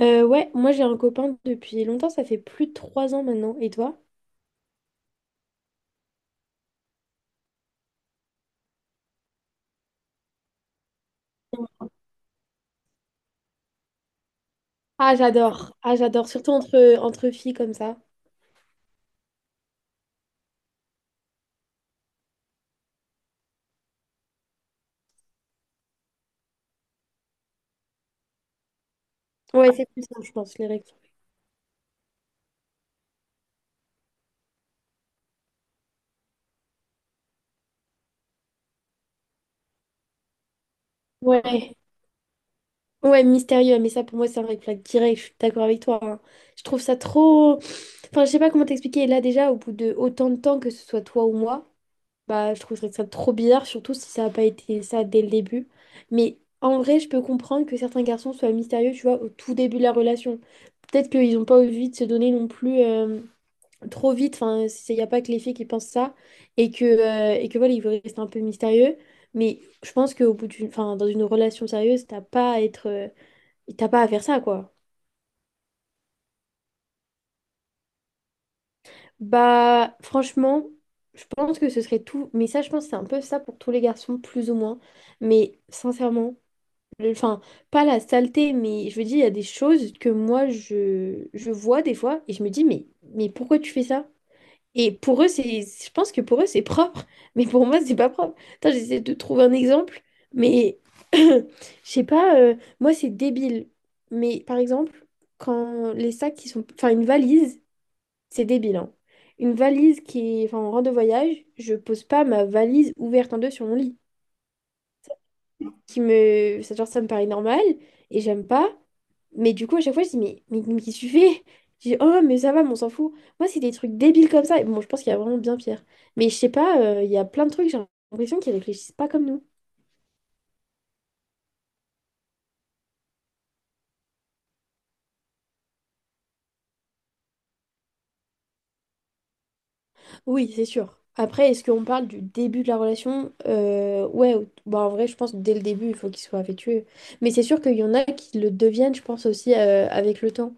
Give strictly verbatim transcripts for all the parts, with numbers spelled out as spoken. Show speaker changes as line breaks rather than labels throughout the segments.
Euh, ouais, moi j'ai un copain depuis longtemps, ça fait plus de trois ans maintenant. Et toi? Ah, j'adore. Ah, j'adore. Surtout entre, entre filles comme ça. Ouais, c'est plus simple, je pense, les règles. Ouais. Ouais, mystérieux. Mais ça, pour moi, c'est un red flag direct. Je suis d'accord avec toi, hein. Je trouve ça trop. Enfin, je sais pas comment t'expliquer. Là, déjà, au bout de autant de temps, que ce soit toi ou moi, bah, je trouverais ça trop bizarre, surtout si ça n'a pas été ça dès le début. Mais en vrai, je peux comprendre que certains garçons soient mystérieux, tu vois, au tout début de la relation. Peut-être qu'ils n'ont pas envie de se donner non plus euh, trop vite. Enfin, il n'y a pas que les filles qui pensent ça. Et que, euh, et que voilà, ils veulent rester un peu mystérieux. Mais je pense qu'au bout d'une, enfin, dans une relation sérieuse, t'as pas à être, euh, t'as pas à faire ça, quoi. Bah, franchement, je pense que ce serait tout. Mais ça, je pense que c'est un peu ça pour tous les garçons, plus ou moins. Mais sincèrement. Enfin, pas la saleté, mais je veux dire, il y a des choses que moi, je, je vois des fois et je me dis, mais, mais pourquoi tu fais ça? Et pour eux, c'est, je pense que pour eux, c'est propre, mais pour moi, c'est pas propre. Attends, j'essaie de trouver un exemple, mais je sais pas, euh, moi, c'est débile. Mais par exemple, quand les sacs qui sont. Enfin, une valise, c'est débile, hein. Une valise qui est enfin, en rang de voyage, je pose pas ma valise ouverte en deux sur mon lit qui me. Ça, genre, ça me paraît normal et j'aime pas. Mais du coup, à chaque fois, je dis, mais, mais, mais qu'est-ce que tu fais? Je dis, oh, mais ça va, mais on s'en fout. Moi, c'est des trucs débiles comme ça. Et bon, je pense qu'il y a vraiment bien pire. Mais je sais pas, euh, il y a plein de trucs, j'ai l'impression qu'ils réfléchissent pas comme nous. Oui, c'est sûr. Après, est-ce qu'on parle du début de la relation? Euh, ouais, au- bah, en vrai, je pense que dès le début, il faut qu'il soit affectueux. Mais c'est sûr qu'il y en a qui le deviennent, je pense aussi, euh, avec le temps.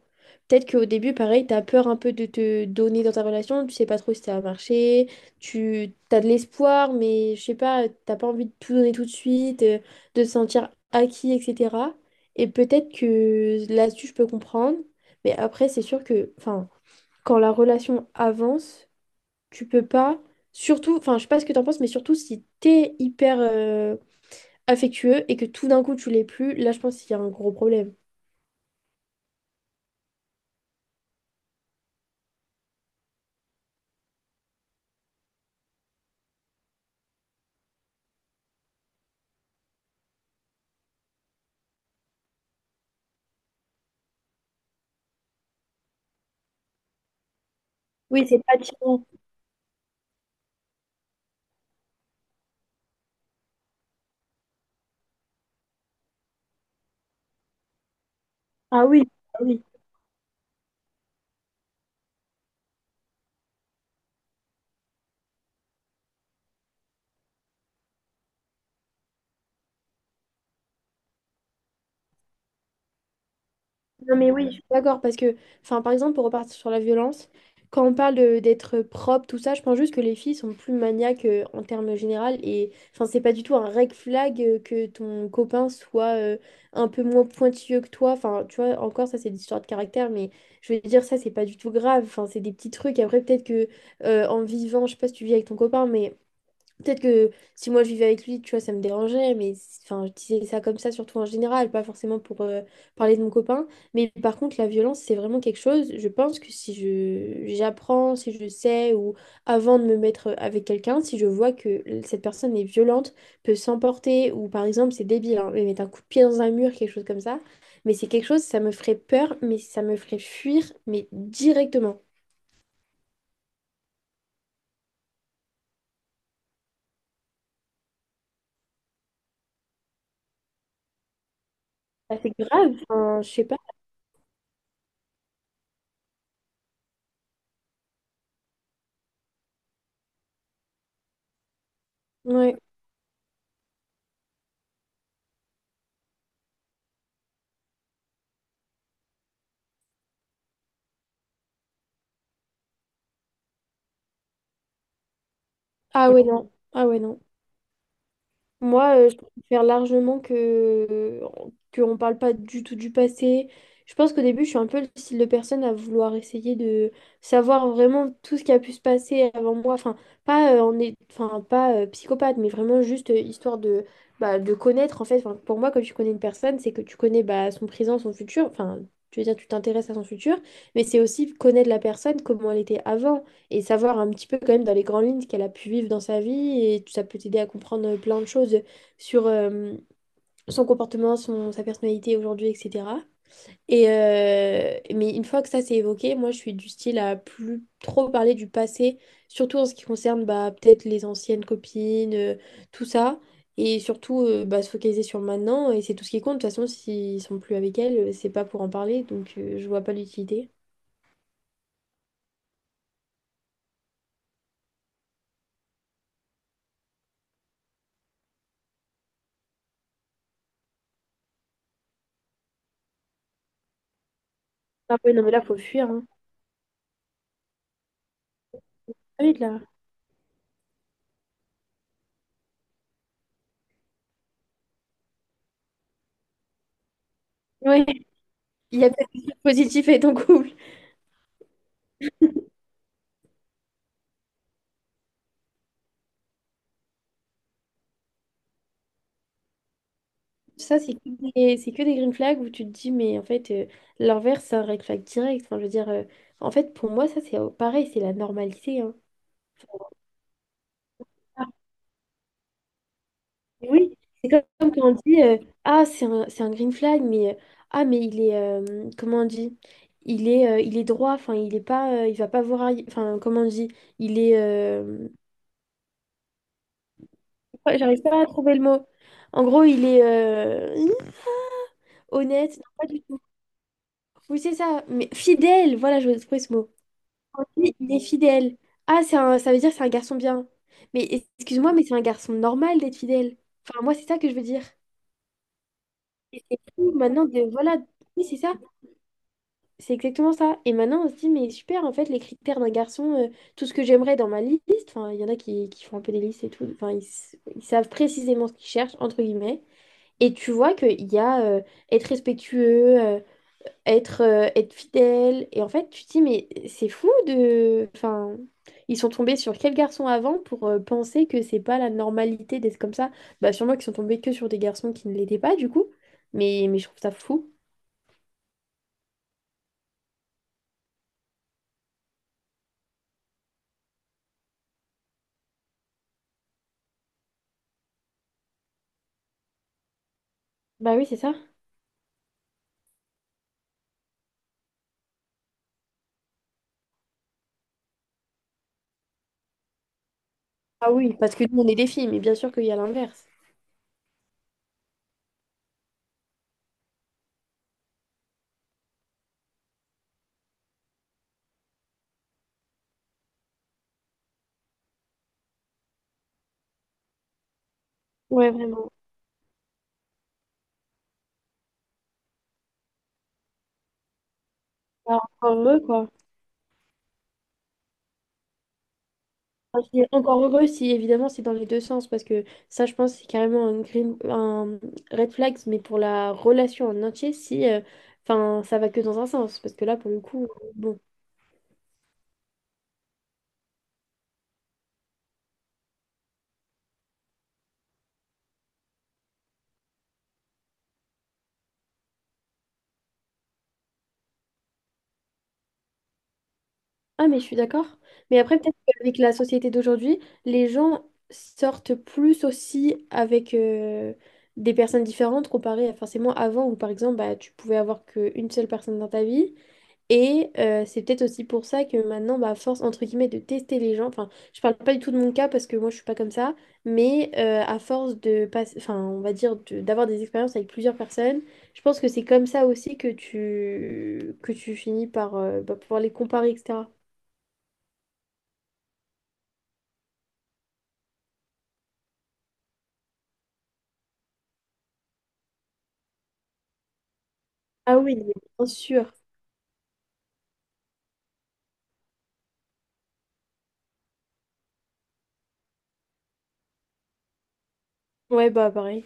Peut-être qu'au début, pareil, t'as peur un peu de te donner dans ta relation, tu sais pas trop si ça va marcher, tu t'as de l'espoir, mais je sais pas, t'as pas envie de tout donner tout de suite, euh, de te sentir acquis, et cetera. Et peut-être que là-dessus, je peux comprendre. Mais après, c'est sûr que, enfin, quand la relation avance, tu peux pas, surtout, enfin, je sais pas ce que t'en penses, mais surtout si t'es hyper euh, affectueux et que tout d'un coup tu l'es plus, là, je pense qu'il y a un gros problème. Oui, c'est pas attirant. Ah oui, ah oui. Non, mais oui, je suis d'accord, parce que, enfin, par exemple, pour repartir sur la violence, quand on parle de- d'être propre, tout ça, je pense juste que les filles sont plus maniaques euh, en termes général, et enfin, c'est pas du tout un red flag euh, que ton copain soit euh, un peu moins pointilleux que toi, enfin, tu vois, encore, ça, c'est des histoires de caractère, mais je veux dire, ça, c'est pas du tout grave, enfin, c'est des petits trucs, après, peut-être que euh, en vivant, je sais pas si tu vis avec ton copain, mais peut-être que si moi je vivais avec lui, tu vois, ça me dérangerait, mais c- enfin, je disais ça comme ça, surtout en général, pas forcément pour euh, parler de mon copain. Mais par contre, la violence, c'est vraiment quelque chose, je pense que si je j'apprends, si je sais, ou avant de me mettre euh, avec quelqu'un, si je vois que l- cette personne est violente, peut s'emporter, ou par exemple, c'est débile, hein, mais mettre un coup de pied dans un mur, quelque chose comme ça, mais c'est quelque chose, ça me ferait peur, mais ça me ferait fuir, mais directement. Ah, c'est grave, enfin, je sais pas. Ouais. Ah ouais, non. Ah ouais, non. Moi, euh, je préfère largement que qu'on parle pas du tout du passé. Je pense qu'au début, je suis un peu le style de personne à vouloir essayer de savoir vraiment tout ce qui a pu se passer avant moi. Enfin, pas euh, en est, enfin pas euh, psychopathe, mais vraiment juste euh, histoire de bah, de connaître en fait. Enfin, pour moi, quand tu connais une personne, c'est que tu connais bah, son présent, son futur. Enfin, tu veux dire, tu t'intéresses à son futur, mais c'est aussi connaître la personne, comment elle était avant et savoir un petit peu quand même dans les grandes lignes ce qu'elle a pu vivre dans sa vie et ça peut t'aider à comprendre euh, plein de choses sur euh, son comportement, son, sa personnalité aujourd'hui, et cetera. Et euh, mais une fois que ça s'est évoqué, moi je suis du style à plus trop parler du passé, surtout en ce qui concerne bah, peut-être les anciennes copines, euh, tout ça, et surtout euh, bah, se focaliser sur le maintenant, et c'est tout ce qui compte. De toute façon, s'ils sont plus avec elle, euh, c'est pas pour en parler, donc euh, je vois pas l'utilité. Ah ouais, non mais là, faut fuir, hein. Ah oui, là. Ouais. Il y a peut-être des trucs positifs avec ton couple. Ça, c'est que des, c'est que des green flags où tu te dis, mais en fait, euh, l'inverse, c'est un red flag direct. Enfin, je veux dire, euh, en fait, pour moi, ça, c'est euh, pareil, c'est la normalité, hein. Ah, oui, c'est comme comme quand on dit, euh, ah, c'est un, c'est un green flag, mais, euh, ah, mais il est, euh, comment on dit? Il est, euh, il est droit, enfin, il est pas, euh, il va pas voir, aille- enfin, comment on dit? Il est, euh, ouais, j'arrive pas à trouver le mot. En gros, il est euh, honnête, non, pas du. Oui, c'est ça. Mais fidèle, voilà, je trouvé ce mot. Oui, il est fidèle. Ah, c'est un- ça veut dire que c'est un garçon bien. Mais excuse-moi, mais c'est un garçon normal d'être fidèle. Enfin, moi, c'est ça que je veux dire. Et c'est fou, maintenant de voilà, oui, c'est ça, c'est exactement ça. Et maintenant, on se dit, mais super, en fait, les critères d'un garçon, euh, tout ce que j'aimerais dans ma liste, enfin, il y en a qui, qui font un peu des listes et tout, enfin, ils, s- ils savent précisément ce qu'ils cherchent, entre guillemets. Et tu vois qu'il y a euh, être respectueux, euh, être, euh, être fidèle. Et en fait, tu te dis, mais c'est fou de. Enfin, ils sont tombés sur quel garçon avant pour euh, penser que c'est pas la normalité d'être comme ça? Bah, sûrement qu'ils sont tombés que sur des garçons qui ne l'étaient pas, du coup. Mais, mais je trouve ça fou. Bah oui, c'est ça. Ah oui, parce que nous, on est des filles, mais bien sûr qu'il y a l'inverse. Ouais, vraiment. Bah, encore heureux, quoi. Enfin, je suis encore heureux si évidemment c'est dans les deux sens parce que ça je pense c'est carrément un green un red flag mais pour la relation en entier si euh, enfin ça va que dans un sens parce que là pour le coup euh, bon. Ah, mais je suis d'accord. Mais après, peut-être qu'avec la société d'aujourd'hui, les gens sortent plus aussi avec euh, des personnes différentes comparé à forcément avant où par exemple bah, tu pouvais avoir qu'une seule personne dans ta vie. Et euh, c'est peut-être aussi pour ça que maintenant, bah, à force, entre guillemets, de tester les gens, enfin, je parle pas du tout de mon cas parce que moi, je suis pas comme ça, mais euh, à force de passer, enfin, on va dire, de- d'avoir des expériences avec plusieurs personnes, je pense que c'est comme ça aussi que tu, que tu finis par euh, bah, pouvoir les comparer, et cetera. Ah oui, bien sûr. Ouais, bah pareil.